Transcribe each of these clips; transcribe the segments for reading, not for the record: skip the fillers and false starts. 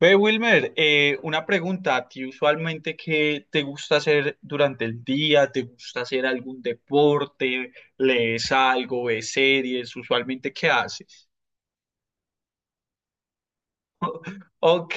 Ve, Wilmer, una pregunta, ¿a ti usualmente qué te gusta hacer durante el día? ¿Te gusta hacer algún deporte? ¿Lees algo? ¿Ves series? ¿Usualmente qué haces? Ok.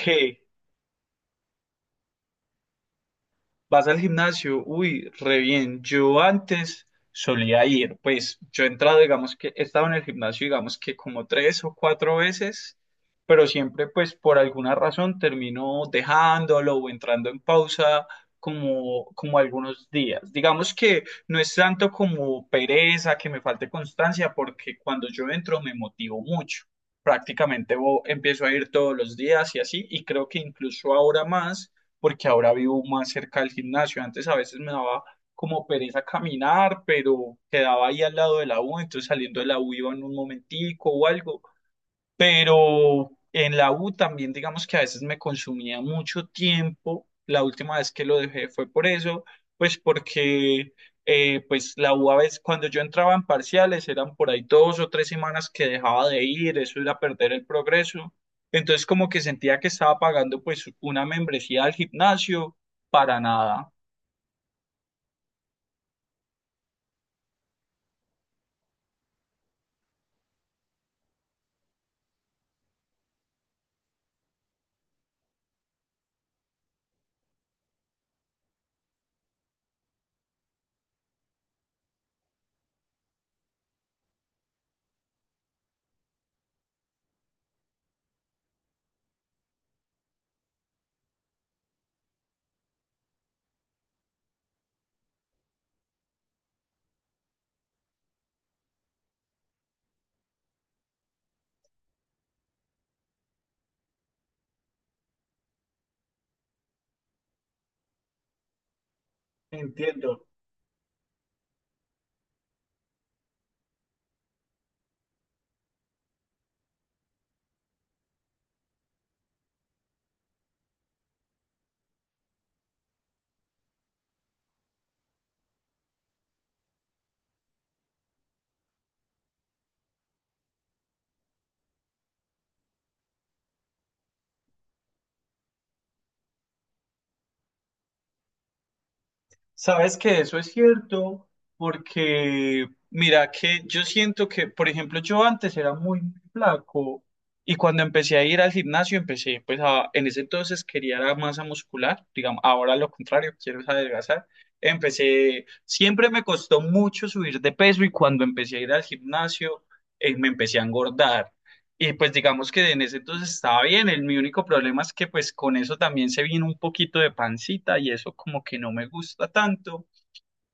Vas al gimnasio, uy, re bien. Yo antes solía ir, pues yo he entrado, digamos que he estado en el gimnasio, digamos que como tres o cuatro veces, pero siempre pues por alguna razón termino dejándolo o entrando en pausa como algunos días. Digamos que no es tanto como pereza, que me falte constancia, porque cuando yo entro me motivo mucho. Prácticamente empiezo a ir todos los días y así, y creo que incluso ahora más porque ahora vivo más cerca del gimnasio. Antes a veces me daba como pereza caminar, pero quedaba ahí al lado de la U, entonces saliendo de la U iba en un momentico o algo, pero en la U también, digamos que a veces me consumía mucho tiempo. La última vez que lo dejé fue por eso, pues porque pues la U a veces cuando yo entraba en parciales eran por ahí 2 o 3 semanas que dejaba de ir, eso era perder el progreso. Entonces como que sentía que estaba pagando pues una membresía al gimnasio para nada. Entiendo. Sabes que eso es cierto, porque mira que yo siento que, por ejemplo, yo antes era muy flaco, y cuando empecé a ir al gimnasio empecé, pues a, en ese entonces quería la masa muscular, digamos, ahora lo contrario, quiero es adelgazar. Empecé, siempre me costó mucho subir de peso, y cuando empecé a ir al gimnasio me empecé a engordar. Y pues digamos que en ese entonces estaba bien, el, mi único problema es que pues con eso también se vino un poquito de pancita y eso como que no me gusta tanto,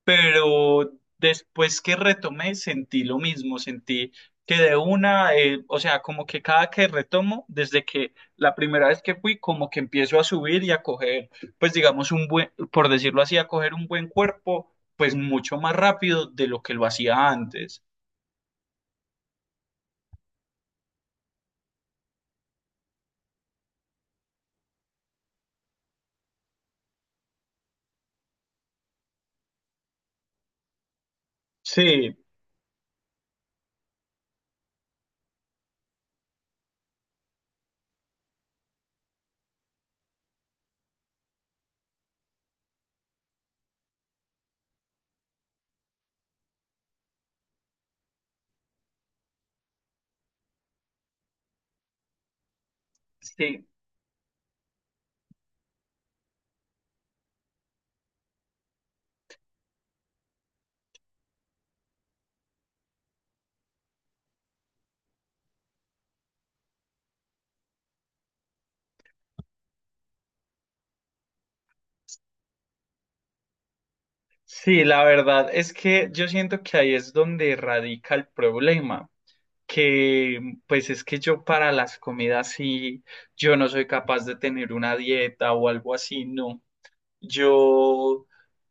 pero después que retomé sentí lo mismo, sentí que de una, o sea, como que cada que retomo, desde que la primera vez que fui, como que empiezo a subir y a coger, pues digamos un buen, por decirlo así, a coger un buen cuerpo, pues mucho más rápido de lo que lo hacía antes. Sí, sí. Sí, la verdad es que yo siento que ahí es donde radica el problema, que pues es que yo para las comidas sí, yo no soy capaz de tener una dieta o algo así, no. Yo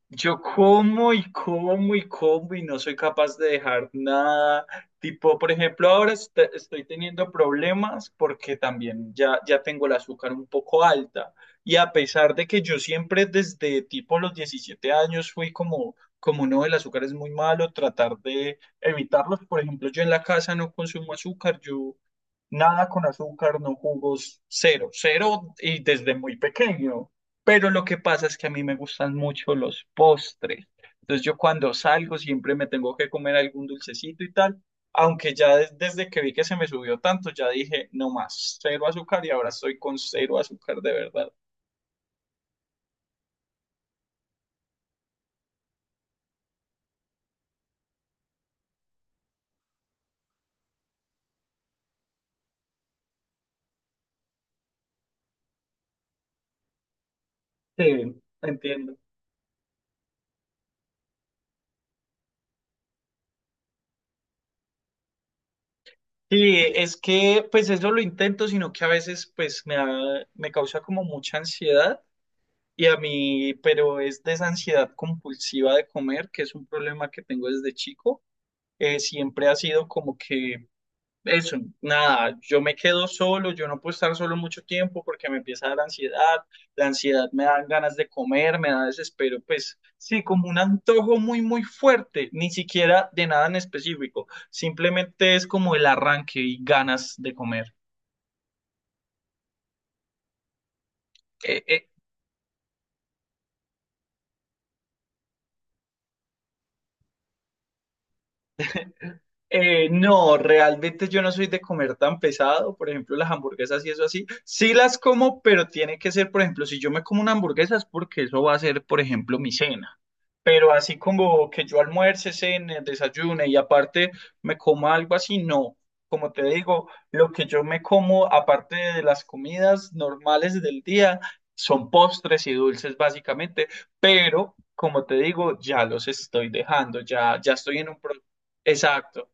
yo como y como y como y no soy capaz de dejar nada. Tipo, por ejemplo, ahora estoy teniendo problemas porque también ya tengo el azúcar un poco alta. Y a pesar de que yo siempre desde tipo los 17 años fui como, como no, el azúcar es muy malo, tratar de evitarlos. Por ejemplo, yo en la casa no consumo azúcar, yo nada con azúcar, no jugos, cero, cero, y desde muy pequeño. Pero lo que pasa es que a mí me gustan mucho los postres. Entonces yo cuando salgo siempre me tengo que comer algún dulcecito y tal, aunque ya desde que vi que se me subió tanto, ya dije, no más, cero azúcar, y ahora estoy con cero azúcar de verdad. Sí, entiendo. Sí, es que pues eso lo intento, sino que a veces pues me, me causa como mucha ansiedad. Y a mí, pero es de esa ansiedad compulsiva de comer, que es un problema que tengo desde chico. Siempre ha sido como que eso, nada, yo me quedo solo, yo no puedo estar solo mucho tiempo porque me empieza a dar ansiedad, la ansiedad me da ganas de comer, me da desespero, pues sí, como un antojo muy, muy fuerte, ni siquiera de nada en específico, simplemente es como el arranque y ganas de comer. No, realmente yo no soy de comer tan pesado, por ejemplo, las hamburguesas y eso así. Sí las como, pero tiene que ser, por ejemplo, si yo me como una hamburguesa es porque eso va a ser, por ejemplo, mi cena. Pero así como que yo almuerce, cene, desayune, y aparte me coma algo así, no. Como te digo, lo que yo me como, aparte de las comidas normales del día, son postres y dulces básicamente, pero como te digo, ya los estoy dejando, ya, ya estoy en un... pro- Exacto.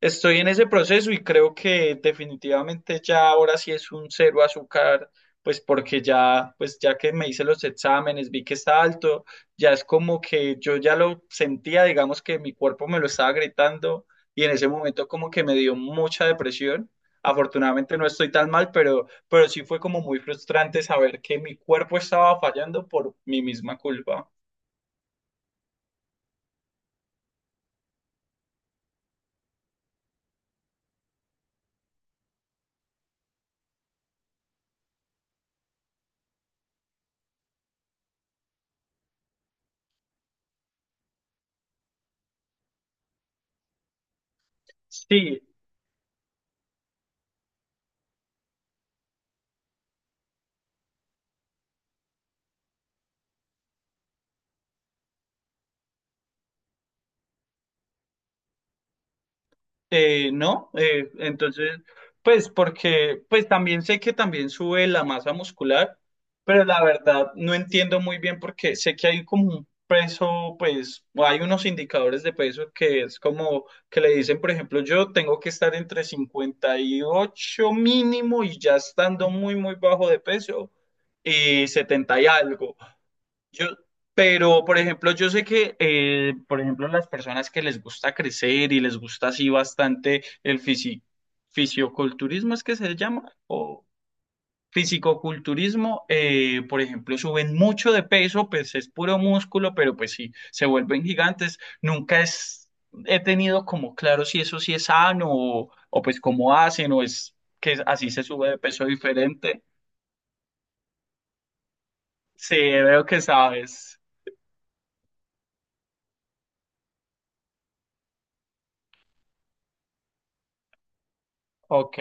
Estoy en ese proceso y creo que definitivamente ya ahora sí es un cero azúcar, pues porque ya, pues ya que me hice los exámenes, vi que está alto, ya es como que yo ya lo sentía, digamos que mi cuerpo me lo estaba gritando, y en ese momento como que me dio mucha depresión. Afortunadamente no estoy tan mal, pero sí fue como muy frustrante saber que mi cuerpo estaba fallando por mi misma culpa. Sí. No, entonces, pues porque, pues también sé que también sube la masa muscular, pero la verdad no entiendo muy bien porque sé que hay como un peso, pues o hay unos indicadores de peso que es como que le dicen, por ejemplo, yo tengo que estar entre 58 mínimo y ya estando muy, muy bajo de peso y 70 y algo. Yo, pero, por ejemplo, yo sé que, por ejemplo, las personas que les gusta crecer y les gusta así bastante el fisioculturismo, ¿es que se llama? O fisicoculturismo, por ejemplo, suben mucho de peso, pues es puro músculo, pero pues sí, se vuelven gigantes. Nunca es, he tenido como claro si eso sí es sano o pues cómo hacen o es que así se sube de peso diferente. Sí, veo que sabes. Ok.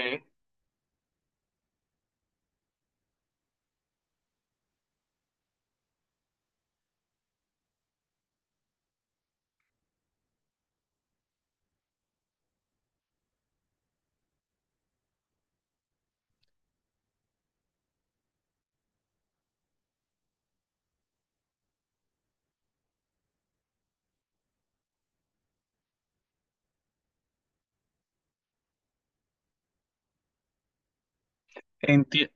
Enti-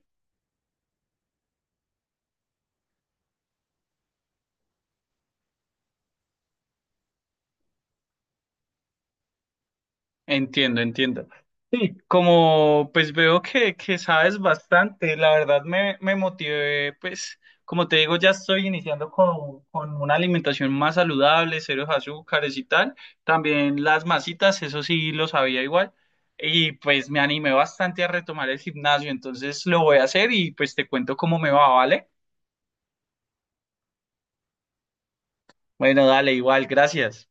Entiendo, entiendo. Sí, como pues veo que sabes bastante, la verdad me motivé, pues como te digo, ya estoy iniciando con una alimentación más saludable, ceros azúcares y tal. También las masitas, eso sí lo sabía igual. Y pues me animé bastante a retomar el gimnasio, entonces lo voy a hacer y pues te cuento cómo me va, ¿vale? Bueno, dale, igual, gracias.